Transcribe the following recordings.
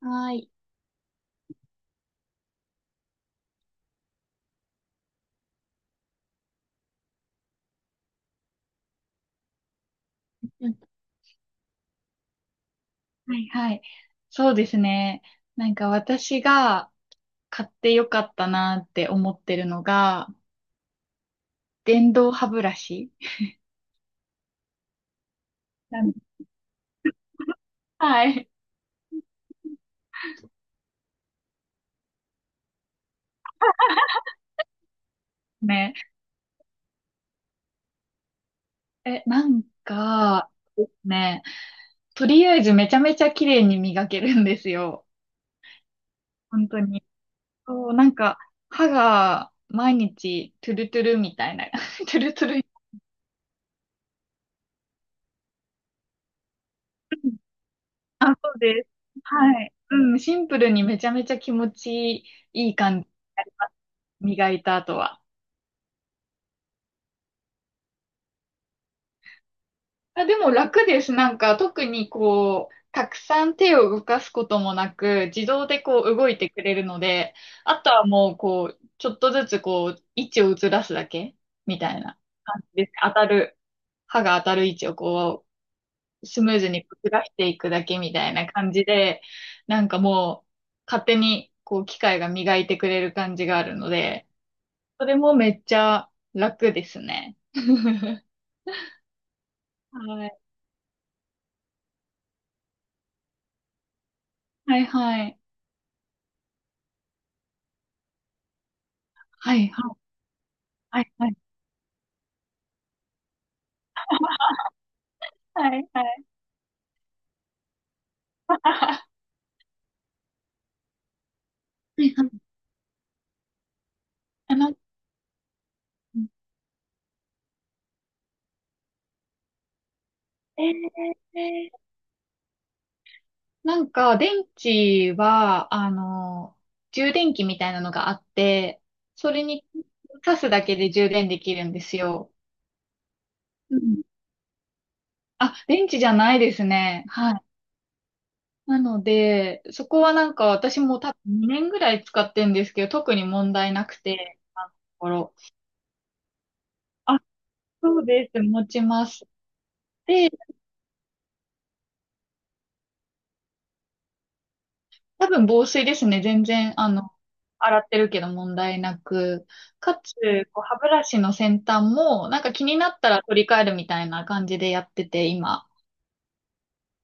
はい。うん。はいはい。そうですね。なんか私が買ってよかったなって思ってるのが、電動歯ブラシ。なんはい。ね。え、なんか、ね、とりあえずめちゃめちゃ綺麗に磨けるんですよ。本当に。そう、歯が毎日トゥルトゥルみたいな、トゥルトゥル。あ、そうです。はい。うん、シンプルにめちゃめちゃ気持ちいい感じになります。磨いた後は。あ、でも楽です。なんか特にこう、たくさん手を動かすこともなく、自動でこう動いてくれるので、あとはもうこう、ちょっとずつこう、位置をずらすだけみたいな感じです。当たる、歯が当たる位置をスムーズにこうずらしていくだけみたいな感じで、なんかもう勝手にこう機械が磨いてくれる感じがあるので、それもめっちゃ楽ですね。はい。はいはい。はいはい。はいはい。はいはい。あなんかえー、なんか電池は、充電器みたいなのがあって、それに挿すだけで充電できるんですよ。あ、電池じゃないですね。はい。なので、そこはなんか私も多分2年ぐらい使ってんですけど、特に問題なくて、あのところ。あ、そうです。持ちます。で、多分防水ですね。全然、洗ってるけど問題なく。かつ、こう歯ブラシの先端も、なんか気になったら取り替えるみたいな感じでやってて、今。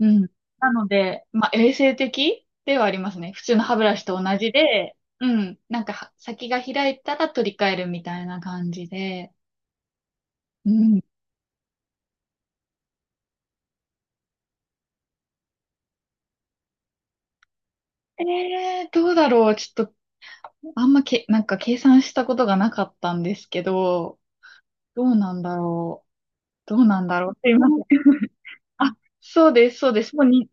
うん。なので、まあ、衛生的ではありますね。普通の歯ブラシと同じで、うん。なんかは、先が開いたら取り替えるみたいな感じで。うん。どうだろう。ちょっと、あんまけ、なんか計算したことがなかったんですけど、どうなんだろう。どうなんだろう。すいません。あ、そうです、そうです。もうに、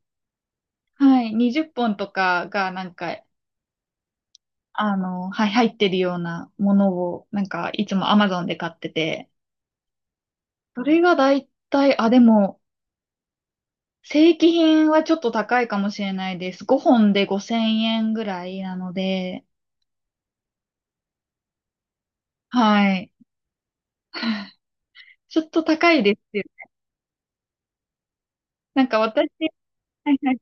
はい、20本とかが、はい、入ってるようなものを、なんか、いつも Amazon で買ってて、それがだいたい、あ、でも、正規品はちょっと高いかもしれないです。5本で5000円ぐらいなので、はい。ちょっと高いですよ。なんか私、はいはいはい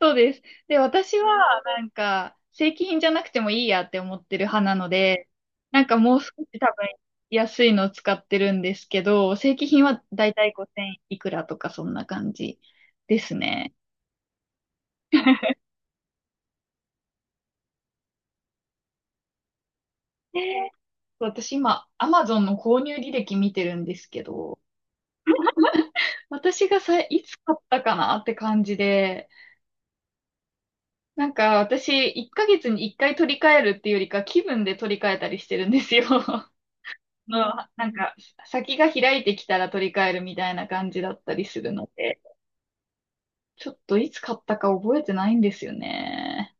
そうです。で、私はなんか正規品じゃなくてもいいやって思ってる派なので、なんかもう少し多分安いのを使ってるんですけど、正規品はだいたい5000いくらとかそんな感じですね。で私今、アマゾンの購入履歴見てるんですけど、私がさ、いつ買ったかなって感じで、なんか私、1ヶ月に1回取り替えるっていうよりか、気分で取り替えたりしてるんですよ。の、なんか、先が開いてきたら取り替えるみたいな感じだったりするので、ちょっといつ買ったか覚えてないんですよね。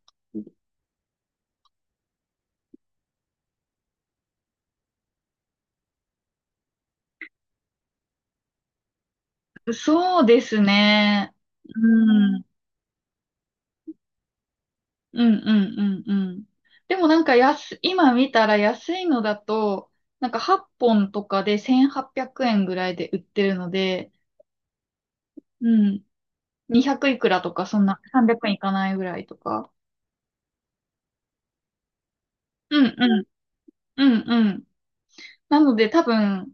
そうですね。うん。うんうんうんうん。でもなんか安、今見たら安いのだと、なんか8本とかで1800円ぐらいで売ってるので、うん、200いくらとか、そんな300円いかないぐらいとか。うんうん、うんうん。なので多分、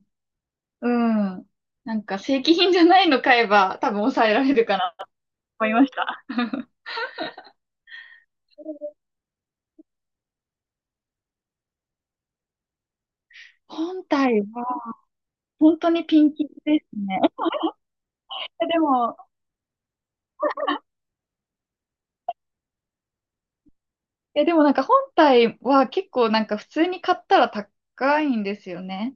うん、なんか正規品じゃないの買えば多分抑えられるかなと思いました。本体は本当にピンキリですね。えでも、えでもなんか本体は結構なんか普通に買ったら高いんですよね。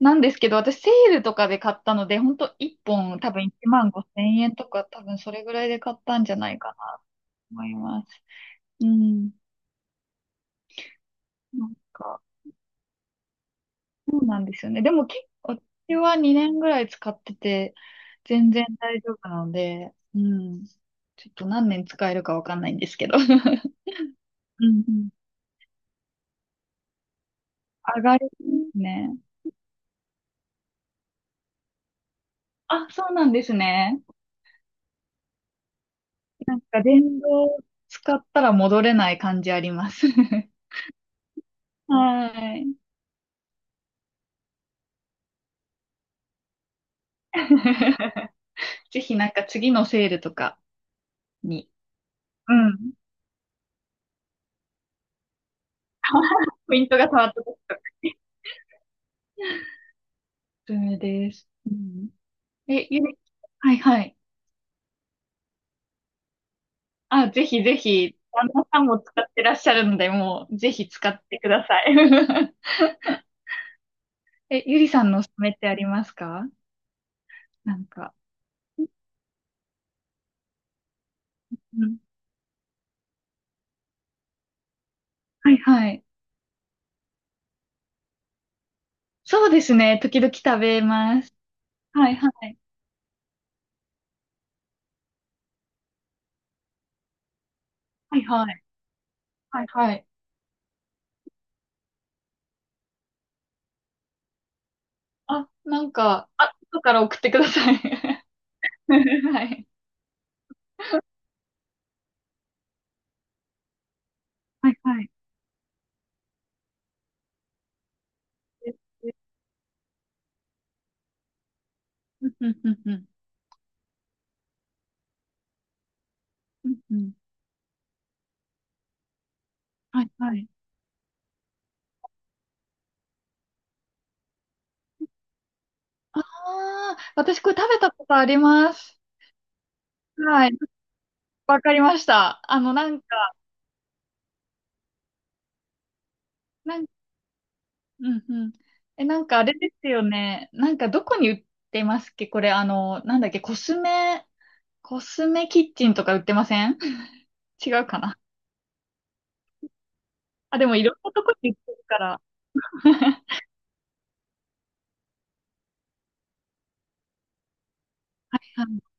なんですけど、私セールとかで買ったので、本当1本多分1万5千円とか多分それぐらいで買ったんじゃないかなと思います。うん。なんか、そうなんですよね。でも結構、私は2年ぐらい使ってて、全然大丈夫なので、うん。ちょっと何年使えるかわかんないんですけど。うんうん。上がりますね。あ、そうなんですね。なんか電動使ったら戻れない感じあります。はい。ぜひなんか次のセールとかに、うん。ポイントが変わった時とかにおすすめです。うん。え、ゆり、はいはい。あ、ぜひぜひ、旦那さんも使ってらっしゃるので、もう、ぜひ使ってください。え、ゆりさんのおすすめってありますか？なんか。うん。はいはい。そうですね。時々食べます。はいはい。はいはい。はいはい。あ、後から送ってください。はい。はいはい。うんうんうんうん。うんうん。はいはい。ああ、私これ食べたことあります。はい。わかりました。うんうん。え、なんかあれですよね。なんかどこに売ってますっけこれ、あの、なんだっけ、コスメ、コスメキッチンとか売ってません？ 違うかな。あ、でもいろんなとこに売ってるから。は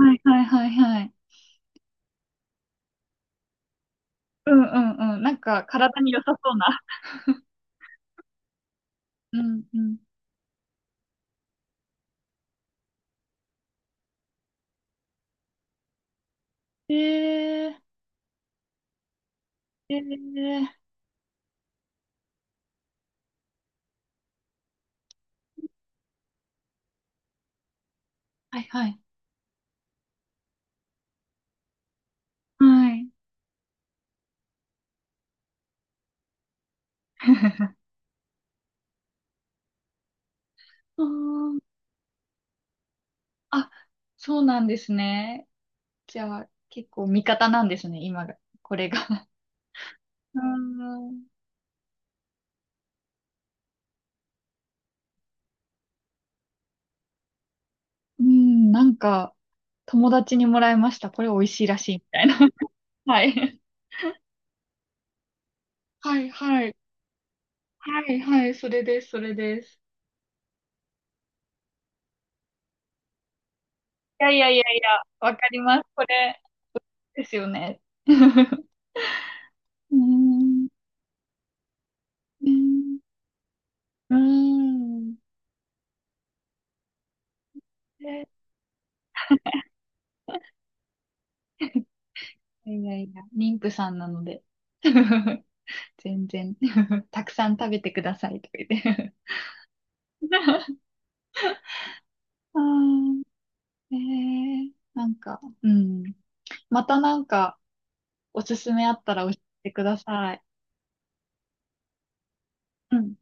い、はいはいはいはい。うんうんうん。なんか体に良さそうな。うんうん。えー、えー、はいはい。はい。うーん。あ、そうなんですね。じゃあ、結構味方なんですね、今が、これが。うーん。うん、なんか、友達にもらいました。これ美味しいらしい、みたいな。はい。はい、はい。はい、はい、それです、それです。いやいやいやいや、わかります。これですよね。うーん。うんうーん。え いやいやいや、妊婦さんなので。全然。たくさん食べてください、とか言って。あー。えー、なんか、うん。またなんか、おすすめあったら教えてください。うん。